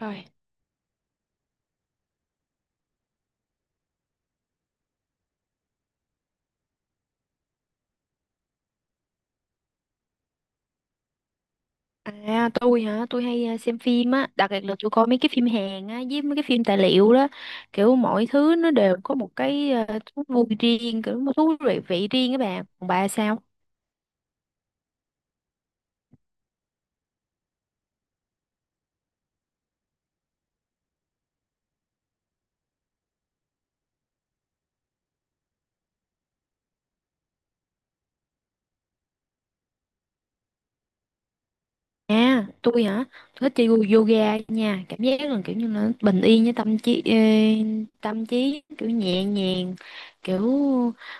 Rồi. À, tôi hả? Tôi hay xem phim á, đặc biệt là tôi coi mấy cái phim Hàn á với mấy cái phim tài liệu đó, kiểu mọi thứ nó đều có một cái thú vui riêng, kiểu một thú vị vị riêng các bạn. Còn bà sao? À, tôi hả? Tôi thích chơi yoga nha, cảm giác là kiểu như là bình yên với tâm trí kiểu nhẹ nhàng. Kiểu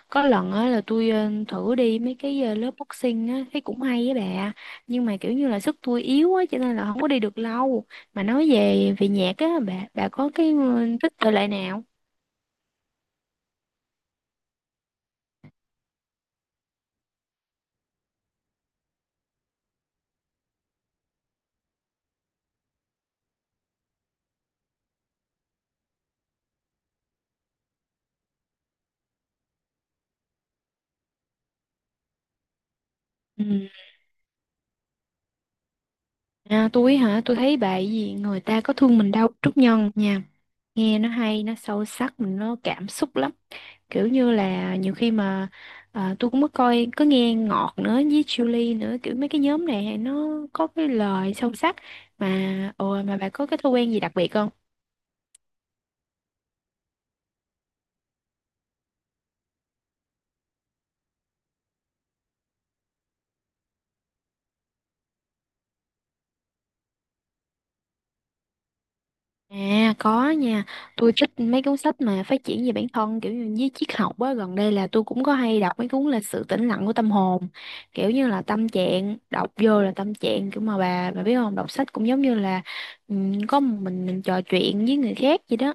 có lần á là tôi thử đi mấy cái lớp boxing á, thấy cũng hay á bà. Nhưng mà kiểu như là sức tôi yếu á cho nên là không có đi được lâu. Mà nói về về nhạc á bà có cái thích thể loại nào? Ừ. À, tôi hả? Tôi thấy bài gì người ta có thương mình đâu Trúc Nhân nha. Nghe nó hay, nó sâu sắc, nó cảm xúc lắm. Kiểu như là nhiều khi mà tôi cũng mới coi có nghe Ngọt nữa với Julie nữa, kiểu mấy cái nhóm này nó có cái lời sâu sắc. Mà ồ, mà bà có cái thói quen gì đặc biệt không? À, có nha. Tôi thích mấy cuốn sách mà phát triển về bản thân, kiểu như với triết học á. Gần đây là tôi cũng có hay đọc mấy cuốn là Sự tĩnh lặng của tâm hồn. Kiểu như là tâm trạng đọc vô là tâm trạng, kiểu mà bà biết không, đọc sách cũng giống như là, ừ, có một mình trò chuyện với người khác vậy đó.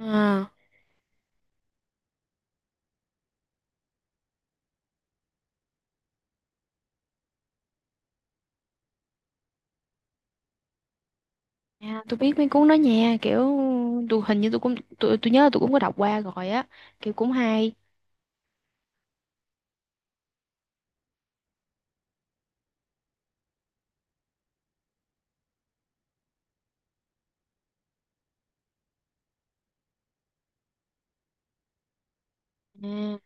À. À, tôi biết mấy cuốn đó nha, kiểu tôi hình như tôi cũng tôi nhớ là tôi cũng có đọc qua rồi á, kiểu cũng hay. à,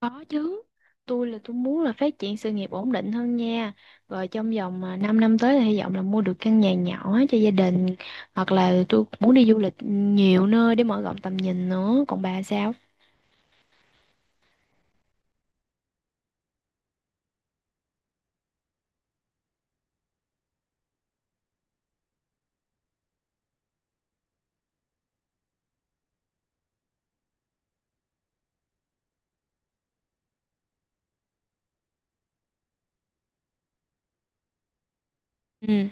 có chứ, tôi là tôi muốn là phát triển sự nghiệp ổn định hơn nha, rồi trong vòng 5 năm năm tới thì hy vọng là mua được căn nhà nhỏ cho gia đình, hoặc là tôi muốn đi du lịch nhiều nơi để mở rộng tầm nhìn nữa. Còn bà sao? Ừ.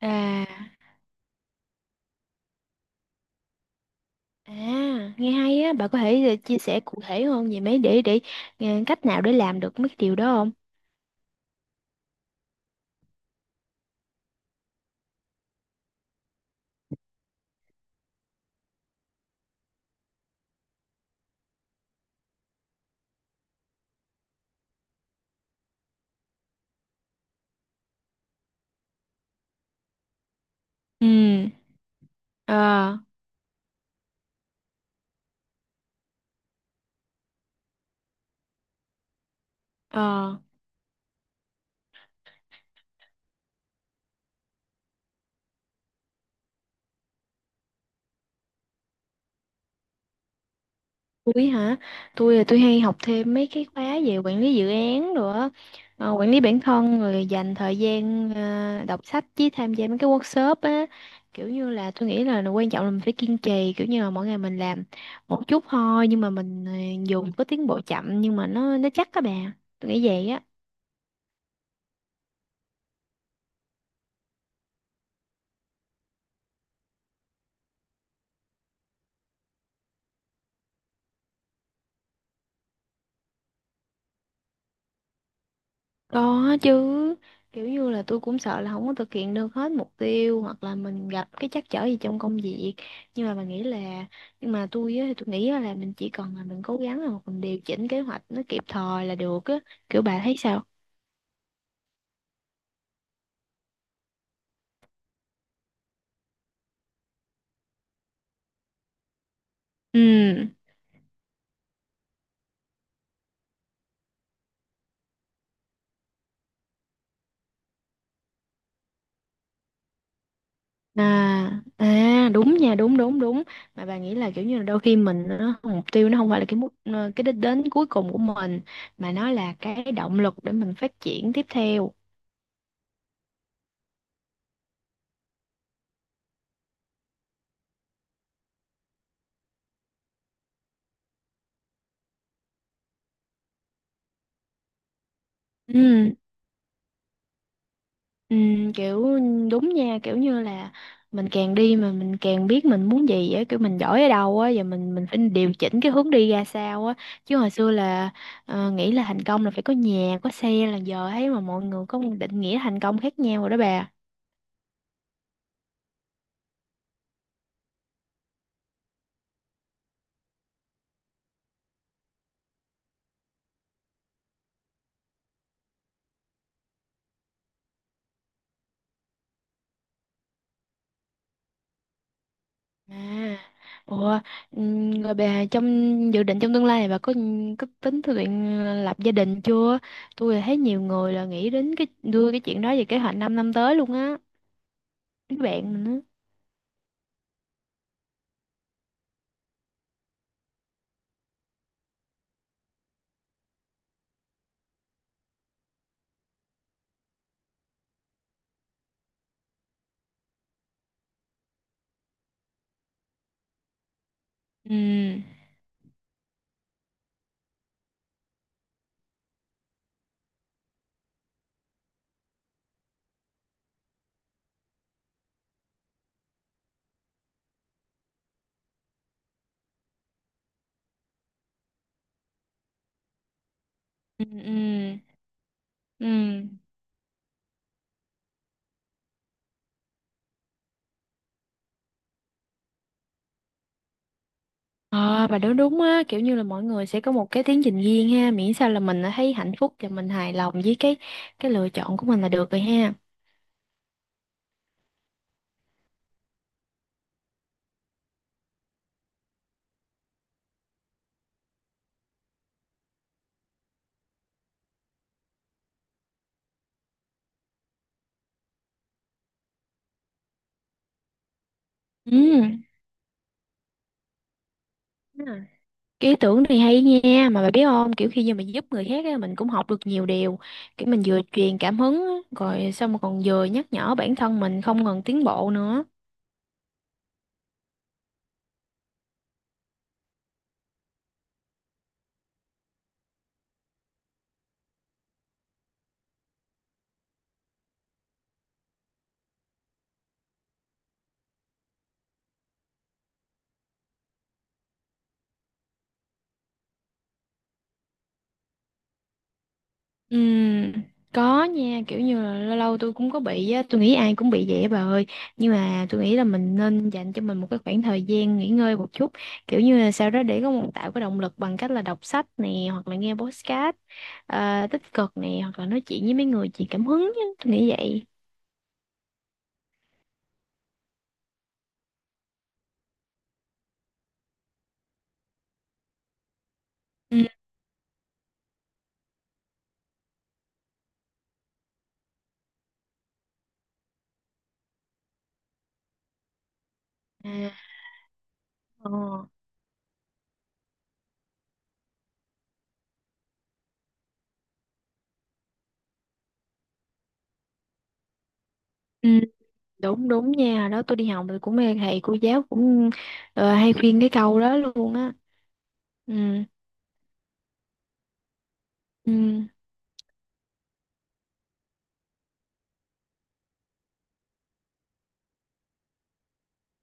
À. À, nghe hay á. Bà có thể chia sẻ cụ thể hơn về mấy để cách nào để làm được mấy cái điều đó không? Ừ. Ờ. Ờ. Tôi hả? Tôi là tôi hay học thêm mấy cái khóa về quản lý dự án, rồi nữa, quản lý bản thân, rồi dành thời gian đọc sách với tham gia mấy cái workshop á. Kiểu như là tôi nghĩ là quan trọng là mình phải kiên trì, kiểu như là mỗi ngày mình làm một chút thôi, nhưng mà mình dù có tiến bộ chậm nhưng mà nó chắc các bạn. Tôi nghĩ vậy á. Có chứ, kiểu như là tôi cũng sợ là không có thực hiện được hết mục tiêu hoặc là mình gặp cái trắc trở gì trong công việc. Nhưng mà mình nghĩ là nhưng mà tôi á, thì tôi nghĩ á là mình chỉ cần là mình cố gắng là mình điều chỉnh kế hoạch nó kịp thời là được á. Kiểu bà thấy sao? Ừ. À, à, đúng nha, đúng đúng đúng. Mà bà nghĩ là kiểu như là đôi khi mình nó mục tiêu nó không phải là cái đích đến cuối cùng của mình, mà nó là cái động lực để mình phát triển tiếp theo. Ừ. Ừ, kiểu đúng nha, kiểu như là mình càng đi mà mình càng biết mình muốn gì á, kiểu mình giỏi ở đâu á và mình phải điều chỉnh cái hướng đi ra sao á. Chứ hồi xưa là nghĩ là thành công là phải có nhà có xe, là giờ thấy mà mọi người có một định nghĩa thành công khác nhau rồi đó bà. à Ủa, rồi bà trong dự định trong tương lai này bà có tính thực hiện lập gia đình chưa? Tôi là thấy nhiều người là nghĩ đến cái đưa cái chuyện đó về kế hoạch 5 năm năm tới luôn á, các bạn mình á. Ừ, ừ, ừ, ừ. Ờ bà nói đúng á, kiểu như là mọi người sẽ có một cái tiến trình riêng ha, miễn sao là mình thấy hạnh phúc và mình hài lòng với cái lựa chọn của mình là được rồi ha. Ừ. Đúng rồi. Cái ý tưởng này hay nha, mà bà biết không, kiểu khi mà mình giúp người khác á, mình cũng học được nhiều điều, kiểu mình vừa truyền cảm hứng á, rồi xong rồi còn vừa nhắc nhở bản thân mình không ngừng tiến bộ nữa. Ừm, có nha, kiểu như là lâu lâu tôi cũng có bị á, tôi nghĩ ai cũng bị vậy á bà ơi. Nhưng mà tôi nghĩ là mình nên dành cho mình một cái khoảng thời gian nghỉ ngơi một chút, kiểu như là sau đó để có một tạo cái động lực bằng cách là đọc sách nè hoặc là nghe podcast tích cực nè, hoặc là nói chuyện với mấy người truyền cảm hứng á, tôi nghĩ vậy. Ừ. À. Ờ. Ừ, đúng đúng nha, hồi đó tôi đi học thì cũng mê thầy cô giáo, cũng hay khuyên cái câu đó luôn á. Ừ, ừ.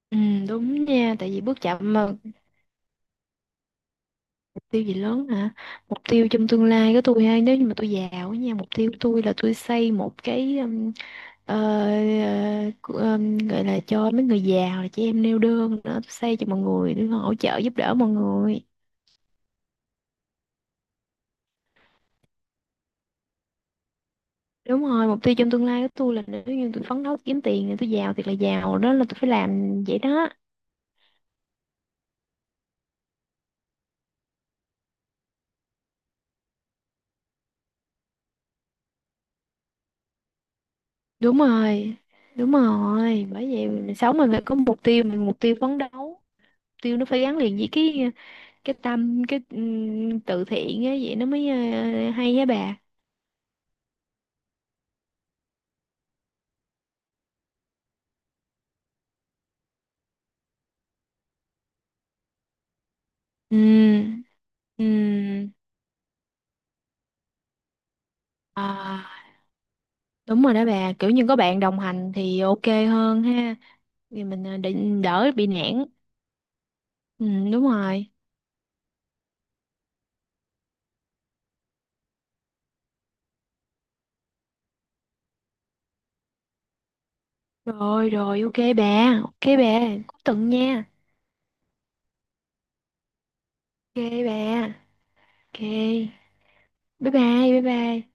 Ừ, đúng nha, tại vì bước chậm mà. Mục tiêu gì lớn hả? Mục tiêu trong tương lai của tôi ha, nếu như mà tôi giàu á nha, mục tiêu của tôi là tôi xây một cái ờ, gọi là cho mấy người giàu là chị em neo đơn nữa, tôi xây cho mọi người, để hỗ trợ giúp đỡ mọi người. Đúng rồi, mục tiêu trong tương lai của tôi là nếu như tôi phấn đấu kiếm tiền thì tôi giàu thiệt là giàu, đó là tôi phải làm vậy đó. Đúng rồi. Đúng rồi, bởi vậy mình sống mình phải có mục tiêu, mình mục tiêu phấn đấu. Tiêu nó phải gắn liền với cái tâm, cái từ thiện á, vậy nó mới hay á bà. Ừ, ừ, à, đúng rồi đó bà, kiểu như có bạn đồng hành thì ok hơn ha, thì mình để đỡ bị nản. Ừ, đúng rồi. Rồi rồi, ok bà, ok bà, cuối tuần nha, ok bà, ok, bye bye. Bye bye.